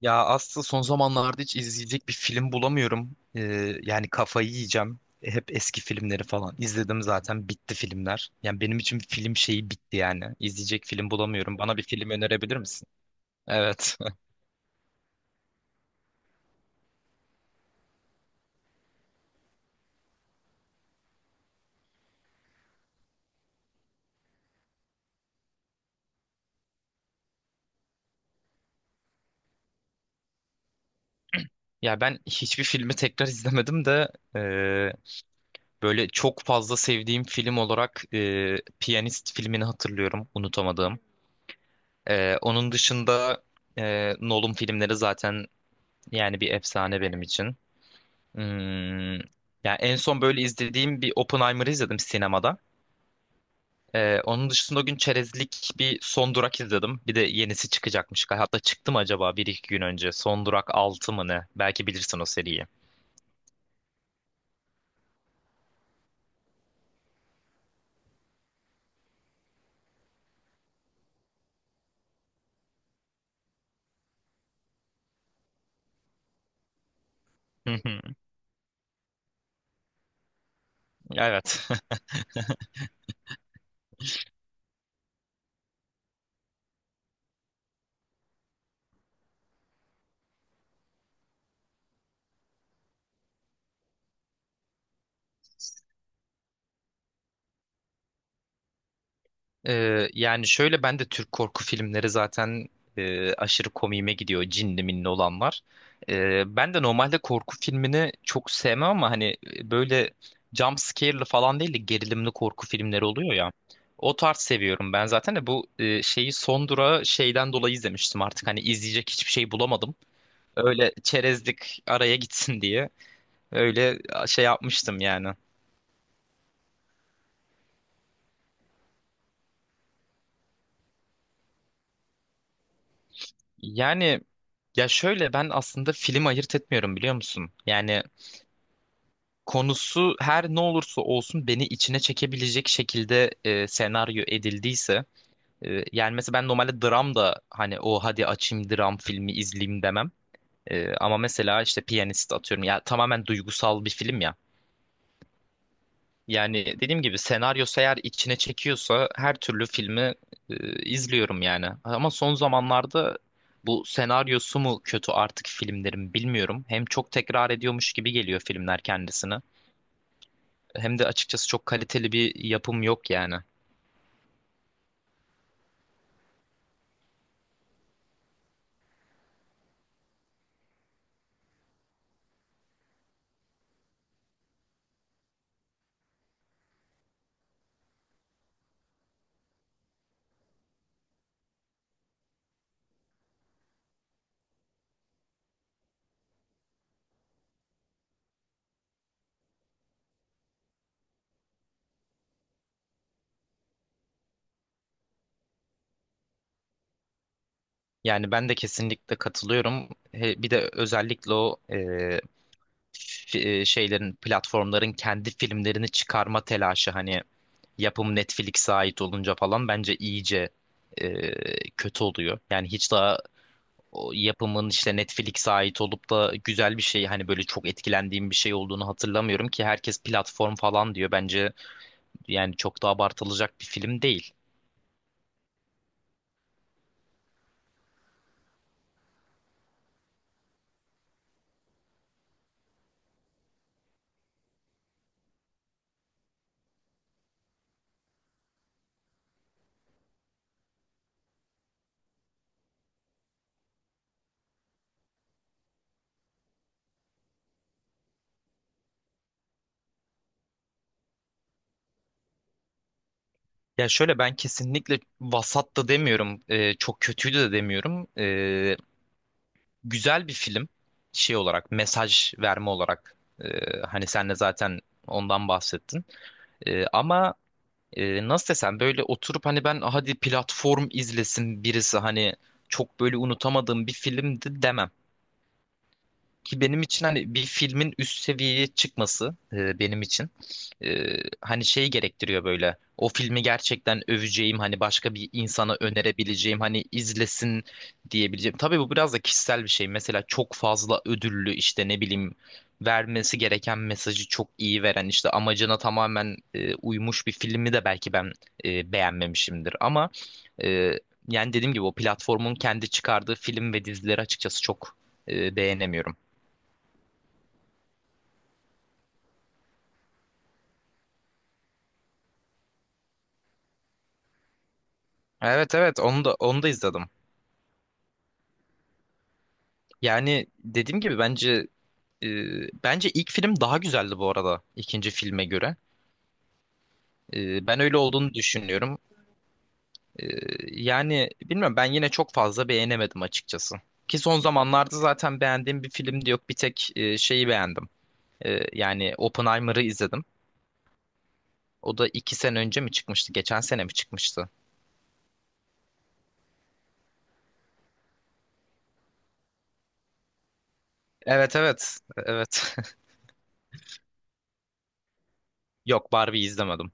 Ya aslında son zamanlarda hiç izleyecek bir film bulamıyorum. Yani kafayı yiyeceğim. Hep eski filmleri falan izledim zaten bitti filmler. Yani benim için film şeyi bitti yani. İzleyecek film bulamıyorum. Bana bir film önerebilir misin? Evet. Ya ben hiçbir filmi tekrar izlemedim de e, böyle çok fazla sevdiğim film olarak Piyanist filmini hatırlıyorum, unutamadığım. Onun dışında Nolan filmleri zaten yani bir efsane benim için. Hmm. Yani en son böyle izlediğim bir Oppenheimer'ı izledim sinemada. Onun dışında o gün çerezlik bir Son Durak izledim. Bir de yenisi çıkacakmış. Hatta çıktı mı acaba bir iki gün önce? Son Durak 6 mı ne? Belki bilirsin o seriyi. Hı hı. Evet. Yani şöyle ben de Türk korku filmleri zaten aşırı komiğime gidiyor. Cinli minli olan var. Ben de normalde korku filmini çok sevmem ama hani böyle jump scare'lı falan değil de gerilimli korku filmleri oluyor ya. O tarz seviyorum ben zaten de bu şeyi son durağı şeyden dolayı izlemiştim artık hani izleyecek hiçbir şey bulamadım. Öyle çerezlik araya gitsin diye öyle şey yapmıştım yani. Yani ya şöyle ben aslında film ayırt etmiyorum biliyor musun? Yani konusu her ne olursa olsun beni içine çekebilecek şekilde senaryo edildiyse yani mesela ben normalde dram da hani o hadi açayım dram filmi izleyeyim demem. Ama mesela işte Piyanist atıyorum ya tamamen duygusal bir film ya. Yani dediğim gibi senaryosu eğer içine çekiyorsa her türlü filmi izliyorum yani. Ama son zamanlarda bu senaryosu mu kötü artık filmlerin bilmiyorum. Hem çok tekrar ediyormuş gibi geliyor filmler kendisini. Hem de açıkçası çok kaliteli bir yapım yok yani. Yani ben de kesinlikle katılıyorum. Bir de özellikle o şeylerin, platformların kendi filmlerini çıkarma telaşı hani yapım Netflix'e ait olunca falan bence iyice kötü oluyor. Yani hiç daha o yapımın işte Netflix'e ait olup da güzel bir şey hani böyle çok etkilendiğim bir şey olduğunu hatırlamıyorum ki herkes platform falan diyor. Bence yani çok da abartılacak bir film değil. Ya şöyle ben kesinlikle vasat da demiyorum, çok kötüydü de demiyorum. Güzel bir film şey olarak, mesaj verme olarak. Hani sen de zaten ondan bahsettin. Ama nasıl desem böyle oturup hani ben hadi platform izlesin birisi hani çok böyle unutamadığım bir filmdi demem. Ki benim için hani bir filmin üst seviyeye çıkması benim için e, hani şey gerektiriyor böyle. O filmi gerçekten öveceğim hani başka bir insana önerebileceğim hani izlesin diyebileceğim. Tabii bu biraz da kişisel bir şey. Mesela çok fazla ödüllü işte ne bileyim vermesi gereken mesajı çok iyi veren işte amacına tamamen uymuş bir filmi de belki ben beğenmemişimdir. Ama e, yani dediğim gibi o platformun kendi çıkardığı film ve dizileri açıkçası çok beğenemiyorum. Evet, evet, onu da onu da izledim. Yani dediğim gibi e, bence ilk film daha güzeldi bu arada ikinci filme göre. Ben öyle olduğunu düşünüyorum. E, Yani bilmiyorum ben yine çok fazla beğenemedim açıkçası. Ki son zamanlarda zaten beğendiğim bir film de yok. Bir tek şeyi beğendim. Yani Oppenheimer'ı izledim. O da 2 sene önce mi çıkmıştı? Geçen sene mi çıkmıştı? Evet, evet, evet. Yok, Barbie'yi izlemedim.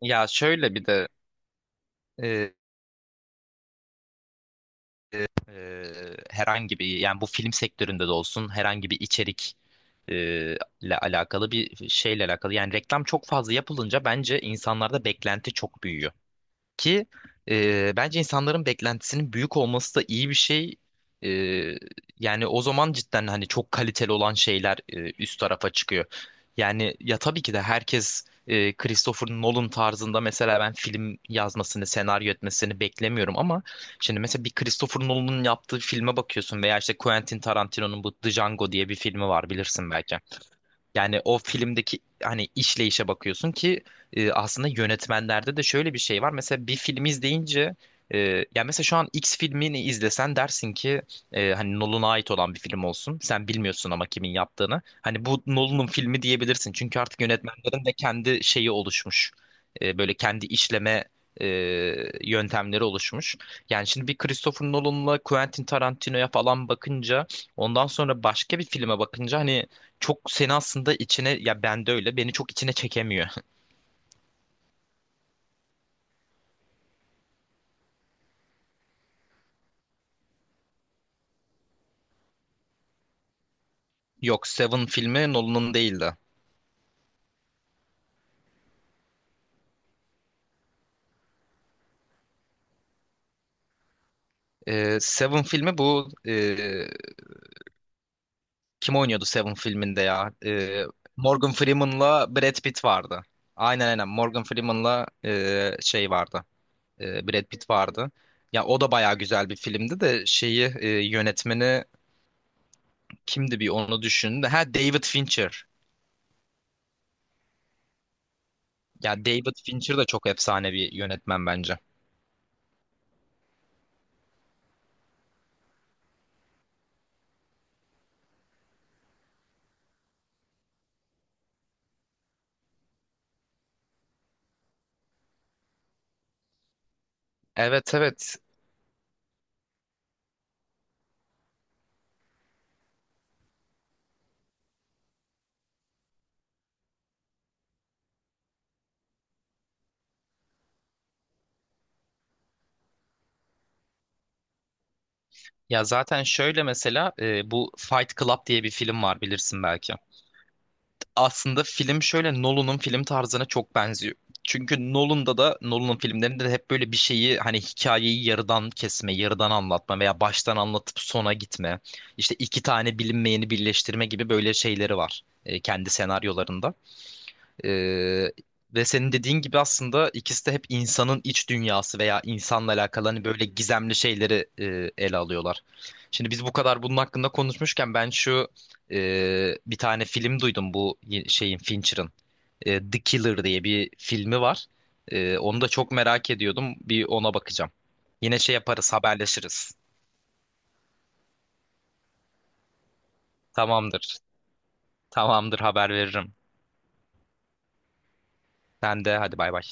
Ya şöyle bir de e, Ee, herhangi bir yani bu film sektöründe de olsun herhangi bir içerik e, ile alakalı bir şeyle alakalı yani reklam çok fazla yapılınca bence insanlarda beklenti çok büyüyor. Ki bence insanların beklentisinin büyük olması da iyi bir şey. E, Yani o zaman cidden hani çok kaliteli olan şeyler üst tarafa çıkıyor. Yani ya tabii ki de herkes Christopher Nolan tarzında mesela ben film yazmasını, senaryo etmesini beklemiyorum ama şimdi mesela bir Christopher Nolan'ın yaptığı filme bakıyorsun veya işte Quentin Tarantino'nun bu The Django diye bir filmi var bilirsin belki. Yani o filmdeki hani işleyişe bakıyorsun ki aslında yönetmenlerde de şöyle bir şey var. Mesela bir film izleyince e, yani mesela şu an X filmini izlesen dersin ki hani Nolan'a ait olan bir film olsun. Sen bilmiyorsun ama kimin yaptığını. Hani bu Nolan'ın filmi diyebilirsin. Çünkü artık yönetmenlerin de kendi şeyi oluşmuş. Böyle kendi işleme e, yöntemleri oluşmuş. Yani şimdi bir Christopher Nolan'la Quentin Tarantino'ya falan bakınca ondan sonra başka bir filme bakınca hani çok seni aslında içine ya ben de öyle beni çok içine çekemiyor. Yok, Seven filmi Nolan'ın değildi. Seven filmi bu kim oynuyordu Seven filminde ya? Morgan Freeman'la Brad Pitt vardı. Aynen, aynen, Morgan Freeman'la şey vardı. Brad Pitt vardı. Ya o da bayağı güzel bir filmdi de şeyi yönetmeni kimdi bir onu düşündü. Ha, David Fincher. Ya David Fincher de çok efsane bir yönetmen bence. Evet, evet. Ya zaten şöyle mesela bu Fight Club diye bir film var bilirsin belki. Aslında film şöyle Nolan'ın film tarzına çok benziyor. Çünkü Nolan'da da Nolan'ın filmlerinde de hep böyle bir şeyi hani hikayeyi yarıdan kesme, yarıdan anlatma veya baştan anlatıp sona gitme. İşte iki tane bilinmeyeni birleştirme gibi böyle şeyleri var kendi senaryolarında. Ee, Ve senin dediğin gibi aslında ikisi de hep insanın iç dünyası veya insanla alakalı hani böyle gizemli şeyleri ele alıyorlar. Şimdi biz bu kadar bunun hakkında konuşmuşken ben şu bir tane film duydum bu şeyin Fincher'ın. The Killer diye bir filmi var. Onu da çok merak ediyordum. Bir ona bakacağım. Yine şey yaparız, haberleşiriz. Tamamdır. Tamamdır, haber veririm. Sen de hadi, bay bay.